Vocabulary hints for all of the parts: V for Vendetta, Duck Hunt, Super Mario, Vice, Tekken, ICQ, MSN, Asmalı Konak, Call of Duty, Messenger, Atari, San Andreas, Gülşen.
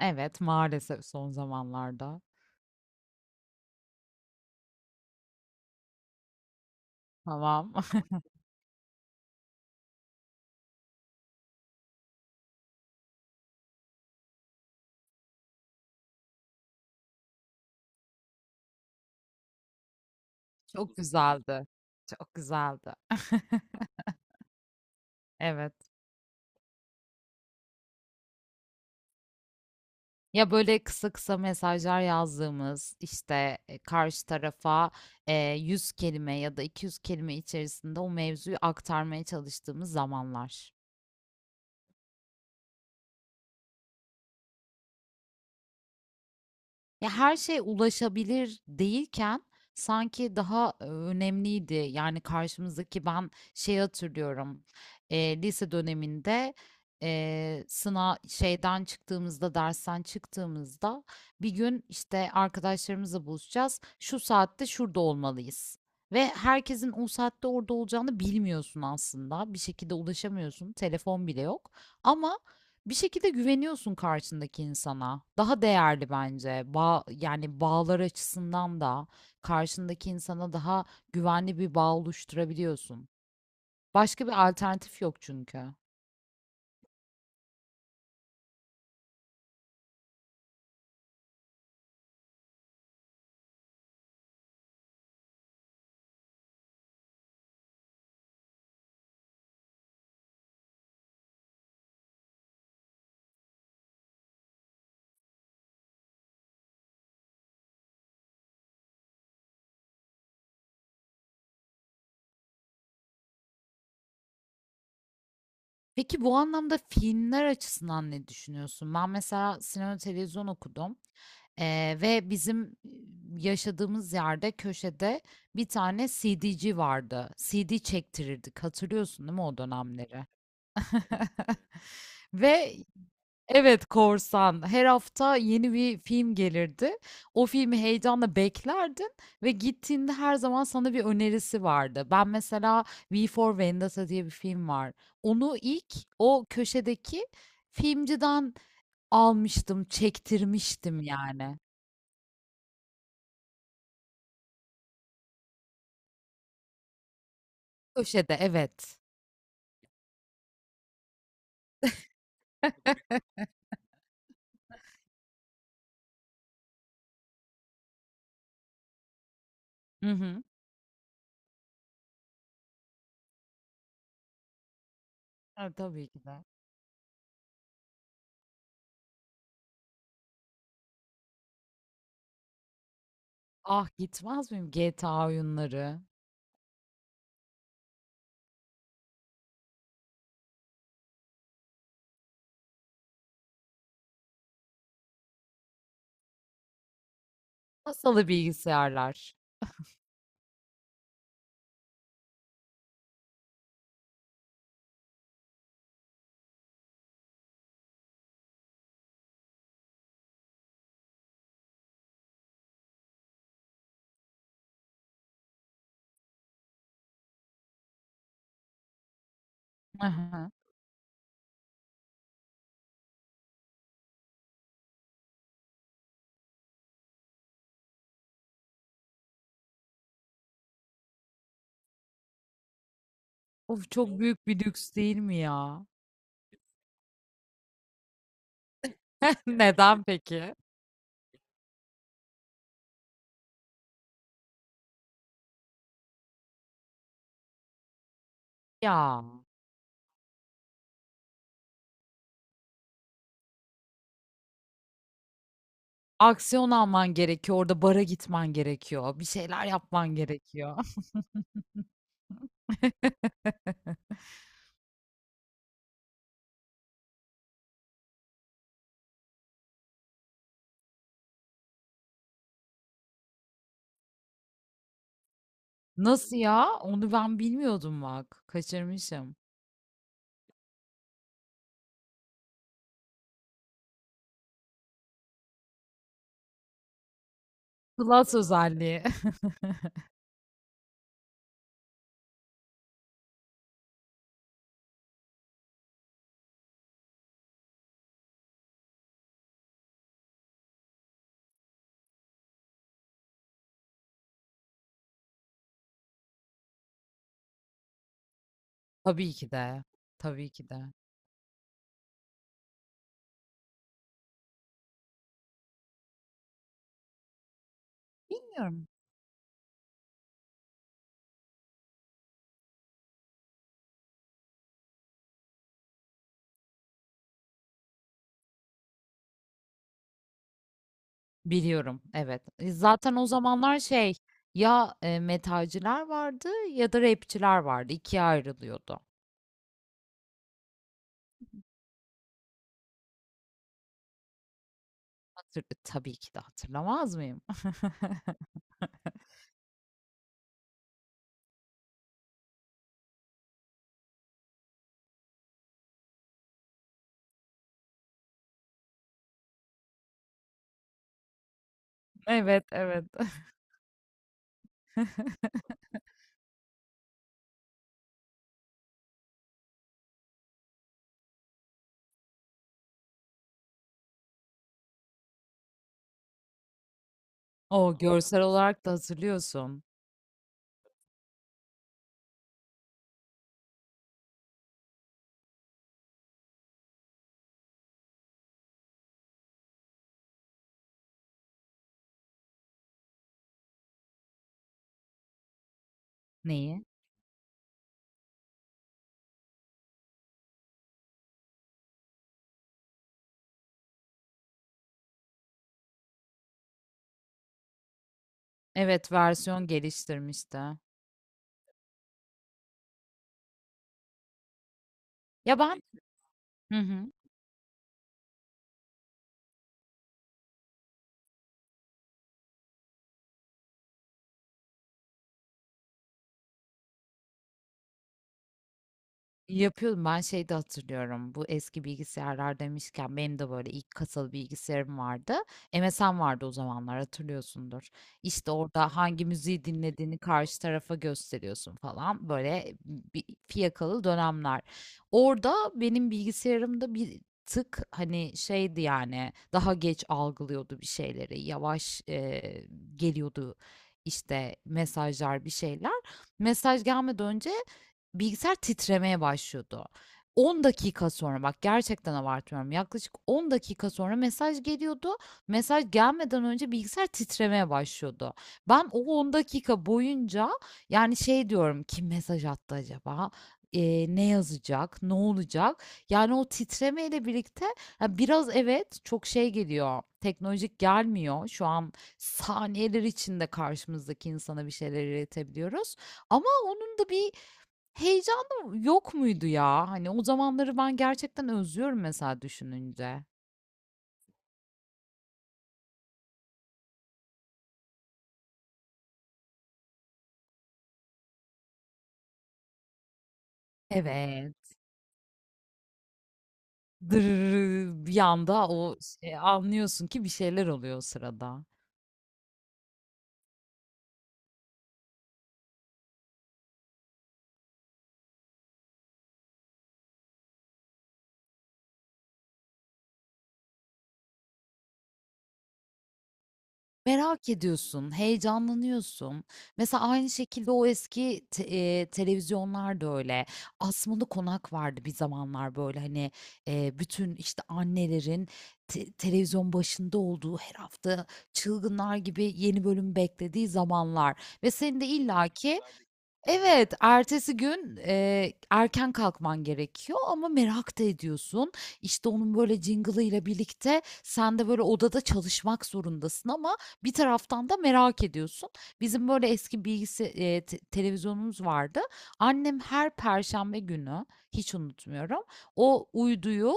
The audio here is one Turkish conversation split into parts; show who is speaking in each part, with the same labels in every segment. Speaker 1: Evet, maalesef son zamanlarda. Tamam. Çok güzeldi. Çok güzeldi. Evet. Ya böyle kısa kısa mesajlar yazdığımız işte karşı tarafa e, 100 kelime ya da 200 kelime içerisinde o mevzuyu aktarmaya çalıştığımız zamanlar. Ya her şey ulaşabilir değilken sanki daha önemliydi. Yani karşımızdaki ben şey hatırlıyorum. Lise döneminde sınav şeyden çıktığımızda dersten çıktığımızda bir gün işte arkadaşlarımızla buluşacağız. Şu saatte şurada olmalıyız. Ve herkesin o saatte orada olacağını bilmiyorsun aslında. Bir şekilde ulaşamıyorsun. Telefon bile yok. Ama bir şekilde güveniyorsun karşındaki insana. Daha değerli bence. Yani bağlar açısından da karşındaki insana daha güvenli bir bağ oluşturabiliyorsun. Başka bir alternatif yok çünkü. Peki bu anlamda filmler açısından ne düşünüyorsun? Ben mesela sinema televizyon okudum. Ve bizim yaşadığımız yerde köşede bir tane CD'ci vardı. CD çektirirdik. Hatırlıyorsun değil mi o dönemleri? Ve Evet, korsan. Her hafta yeni bir film gelirdi. O filmi heyecanla beklerdin ve gittiğinde her zaman sana bir önerisi vardı. Ben mesela V for Vendetta diye bir film var. Onu ilk o köşedeki filmciden almıştım, çektirmiştim yani. Köşede, evet. Hı hı. Ha, tabii ki de. Ah gitmez miyim GTA oyunları? Masalı bilgisayarlar. Of, çok büyük bir lüks değil mi ya? Neden peki? Ya, aksiyon alman gerekiyor. Orada bara gitmen gerekiyor. Bir şeyler yapman gerekiyor. Nasıl ya? Onu ben bilmiyordum bak. Kaçırmışım. Plus özelliği. Tabii ki de. Tabii ki de. Biliyorum. Biliyorum. Evet. Zaten o zamanlar şey, ya metalciler vardı ya da rapçiler vardı. İkiye ayrılıyordu. Tabii ki de hatırlamaz mıyım? Evet, evet. O, görsel olarak da hazırlıyorsun. Neyi? Evet, versiyon geliştirmişti. Ya ben Hı hı. Yapıyordum. Ben şey de hatırlıyorum. Bu eski bilgisayarlar demişken benim de böyle ilk kasalı bilgisayarım vardı. MSN vardı o zamanlar hatırlıyorsundur. İşte orada hangi müziği dinlediğini karşı tarafa gösteriyorsun falan. Böyle bir fiyakalı dönemler. Orada benim bilgisayarımda bir tık hani şeydi, yani daha geç algılıyordu bir şeyleri. Yavaş geliyordu işte mesajlar, bir şeyler. Mesaj gelmeden önce bilgisayar titremeye başlıyordu. 10 dakika sonra bak, gerçekten abartmıyorum. Yaklaşık 10 dakika sonra mesaj geliyordu. Mesaj gelmeden önce bilgisayar titremeye başlıyordu. Ben o 10 dakika boyunca yani şey diyorum, kim mesaj attı acaba? Ne yazacak? Ne olacak? Yani o titremeyle birlikte, ya biraz evet, çok şey geliyor. Teknolojik gelmiyor. Şu an saniyeler içinde karşımızdaki insana bir şeyler iletebiliyoruz. Ama onun da bir heyecanı yok muydu ya? Hani o zamanları ben gerçekten özlüyorum mesela düşününce. Evet. Dırırı bir anda, o şey, anlıyorsun ki bir şeyler oluyor o sırada. Merak ediyorsun, heyecanlanıyorsun. Mesela aynı şekilde o eski te televizyonlar da öyle. Asmalı Konak vardı bir zamanlar, böyle hani, bütün, işte, annelerin televizyon başında olduğu, her hafta çılgınlar gibi yeni bölüm beklediği zamanlar ve senin de illaki, evet, ertesi gün, erken kalkman gerekiyor ama merak da ediyorsun. İşte, onun böyle jingle'ıyla birlikte sen de böyle odada çalışmak zorundasın ama bir taraftan da merak ediyorsun. Bizim böyle eski bilgisi te televizyonumuz vardı. Annem her perşembe günü, hiç unutmuyorum, o uyduyu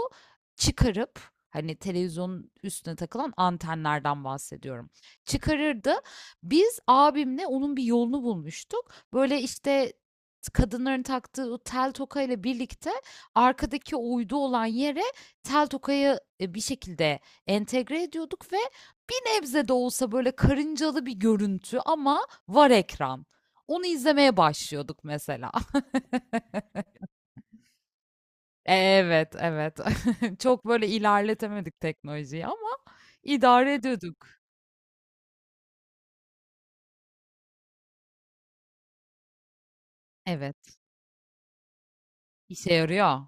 Speaker 1: çıkarıp, hani, televizyonun üstüne takılan antenlerden bahsediyorum, çıkarırdı. Biz abimle onun bir yolunu bulmuştuk. Böyle, işte, kadınların taktığı o tel tokayla birlikte arkadaki o uydu olan yere tel tokayı, bir şekilde entegre ediyorduk ve bir nebze de olsa, böyle, karıncalı bir görüntü ama var ekran. Onu izlemeye başlıyorduk mesela. Evet, evet. Çok, böyle, ilerletemedik teknolojiyi ama idare ediyorduk. Evet. İşe yarıyor.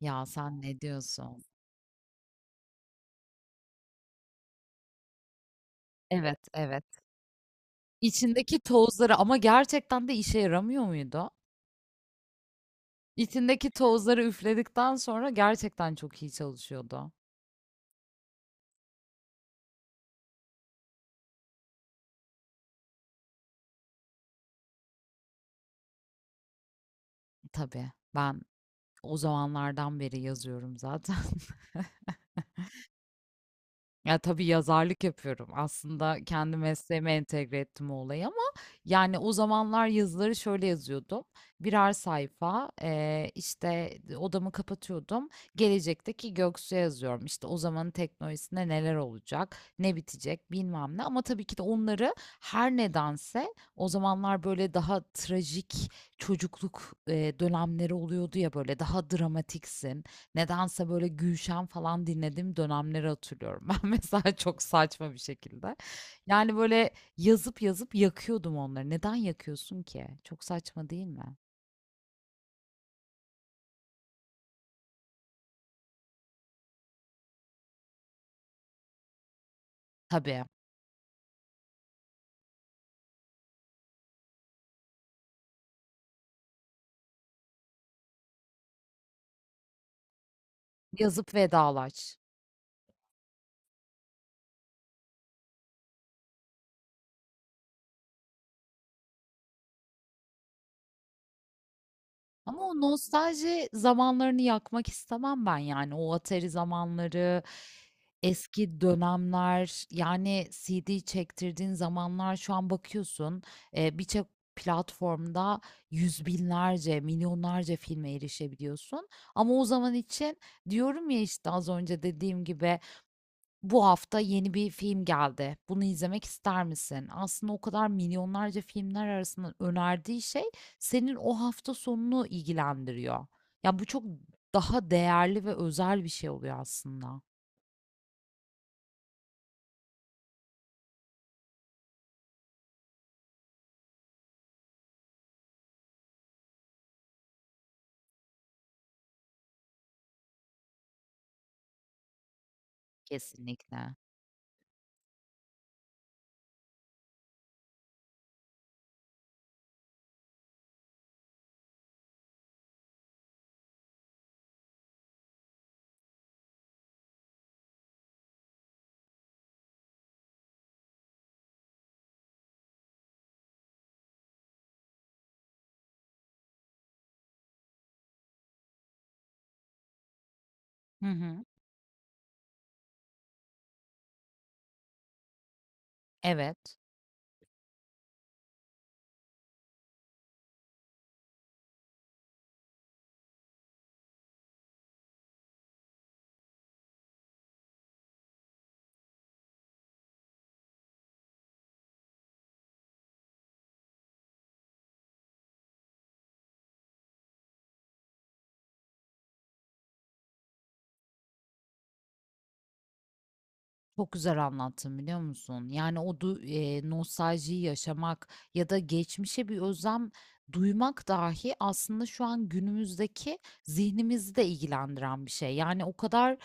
Speaker 1: Ya, sen ne diyorsun? Evet, evet. İçindeki tozları, ama gerçekten de işe yaramıyor muydu? İçindeki tozları üfledikten sonra gerçekten çok iyi çalışıyordu. Tabii, ben o zamanlardan beri yazıyorum zaten. Ya tabii, yazarlık yapıyorum. Aslında kendi mesleğime entegre ettim o olayı ama yani o zamanlar yazıları şöyle yazıyordum. Birer sayfa, işte odamı kapatıyordum. Gelecekteki Göksu'ya yazıyorum. İşte o zamanın teknolojisinde neler olacak, ne bitecek, bilmem ne. Ama tabii ki de onları, her nedense o zamanlar böyle daha trajik çocukluk dönemleri oluyordu ya, böyle daha dramatiksin. Nedense böyle Gülşen falan dinlediğim dönemleri hatırlıyorum ben mesela, çok saçma bir şekilde. Yani, böyle, yazıp yazıp yakıyordum onları. Neden yakıyorsun ki? Çok saçma değil mi? Tabii, yazıp vedalaş. Ama o nostalji zamanlarını yakmak istemem ben yani. O Atari zamanları, eski dönemler, yani CD çektirdiğin zamanlar, şu an bakıyorsun birçok platformda yüz binlerce, milyonlarca filme erişebiliyorsun. Ama o zaman için, diyorum ya işte, az önce dediğim gibi, bu hafta yeni bir film geldi. Bunu izlemek ister misin? Aslında o kadar milyonlarca filmler arasında önerdiği şey senin o hafta sonunu ilgilendiriyor. Ya, bu çok daha değerli ve özel bir şey oluyor aslında. Kesinlikle. Hı hı. Evet, çok güzel anlattın biliyor musun? Yani nostaljiyi yaşamak ya da geçmişe bir özlem duymak dahi aslında şu an günümüzdeki zihnimizi de ilgilendiren bir şey. Yani o kadar.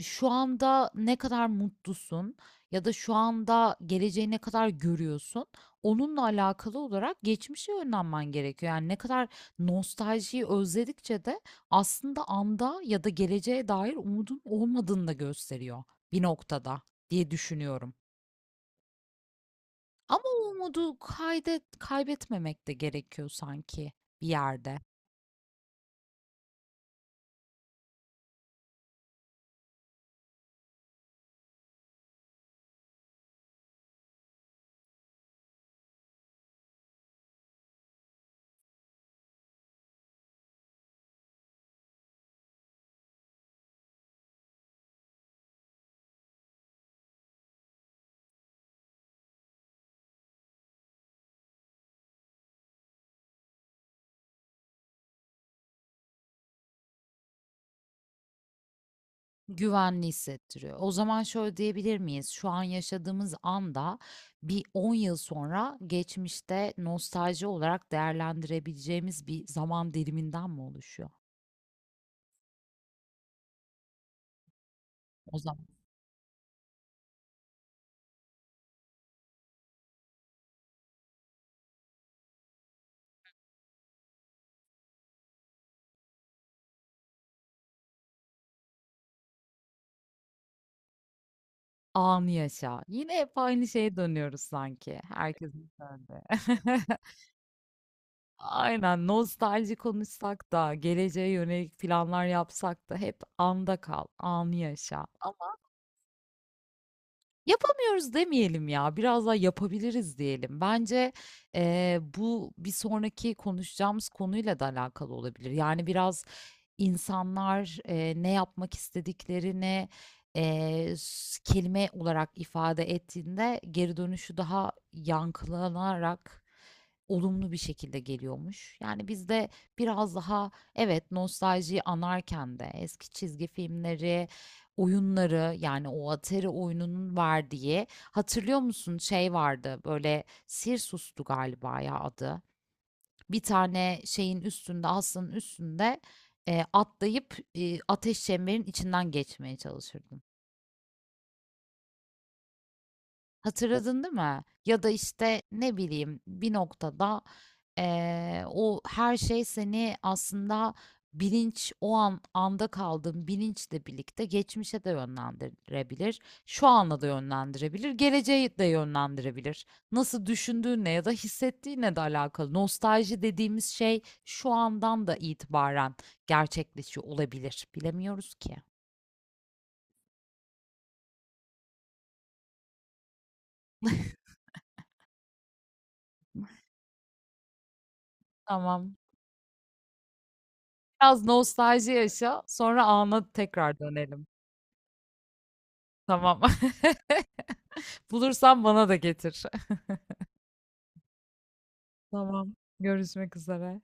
Speaker 1: Şu anda ne kadar mutlusun ya da şu anda geleceği ne kadar görüyorsun, onunla alakalı olarak geçmişe yönlenmen gerekiyor. Yani ne kadar nostaljiyi özledikçe de aslında anda ya da geleceğe dair umudun olmadığını da gösteriyor bir noktada diye düşünüyorum. Ama o umudu kaybetmemek de gerekiyor sanki bir yerde. Güvenli hissettiriyor. O zaman şöyle diyebilir miyiz? Şu an yaşadığımız anda bir 10 yıl sonra geçmişte nostalji olarak değerlendirebileceğimiz bir zaman diliminden mi oluşuyor? O zaman anı yaşa. Yine hep aynı şeye dönüyoruz sanki. Herkesin döndüğü. Aynen, nostalji konuşsak da geleceğe yönelik planlar yapsak da hep anda kal, anı yaşa. Yapamıyoruz demeyelim ya, biraz daha yapabiliriz diyelim. Bence, bu bir sonraki konuşacağımız konuyla da alakalı olabilir. Yani biraz insanlar, ne yapmak istediklerini, s kelime olarak ifade ettiğinde geri dönüşü daha yankılanarak olumlu bir şekilde geliyormuş. Yani biz de biraz daha evet, nostaljiyi anarken de eski çizgi filmleri, oyunları, yani o Atari oyununun verdiği, hatırlıyor musun, şey vardı böyle, Sirsus'tu galiba ya adı. Bir tane şeyin üstünde, aslanın üstünde atlayıp ateş çemberin içinden geçmeye çalışırdın. Hatırladın değil mi? Ya da işte ne bileyim, bir noktada o her şey seni aslında, bilinç, o an anda kaldığın bilinçle birlikte geçmişe de yönlendirebilir, şu ana da yönlendirebilir, geleceğe de yönlendirebilir. Nasıl düşündüğünle ya da hissettiğinle de alakalı. Nostalji dediğimiz şey şu andan da itibaren gerçekleşiyor olabilir. Bilemiyoruz ki. Tamam. Biraz nostalji yaşa, sonra ana tekrar dönelim. Tamam. Bulursan bana da getir. Tamam. Görüşmek üzere.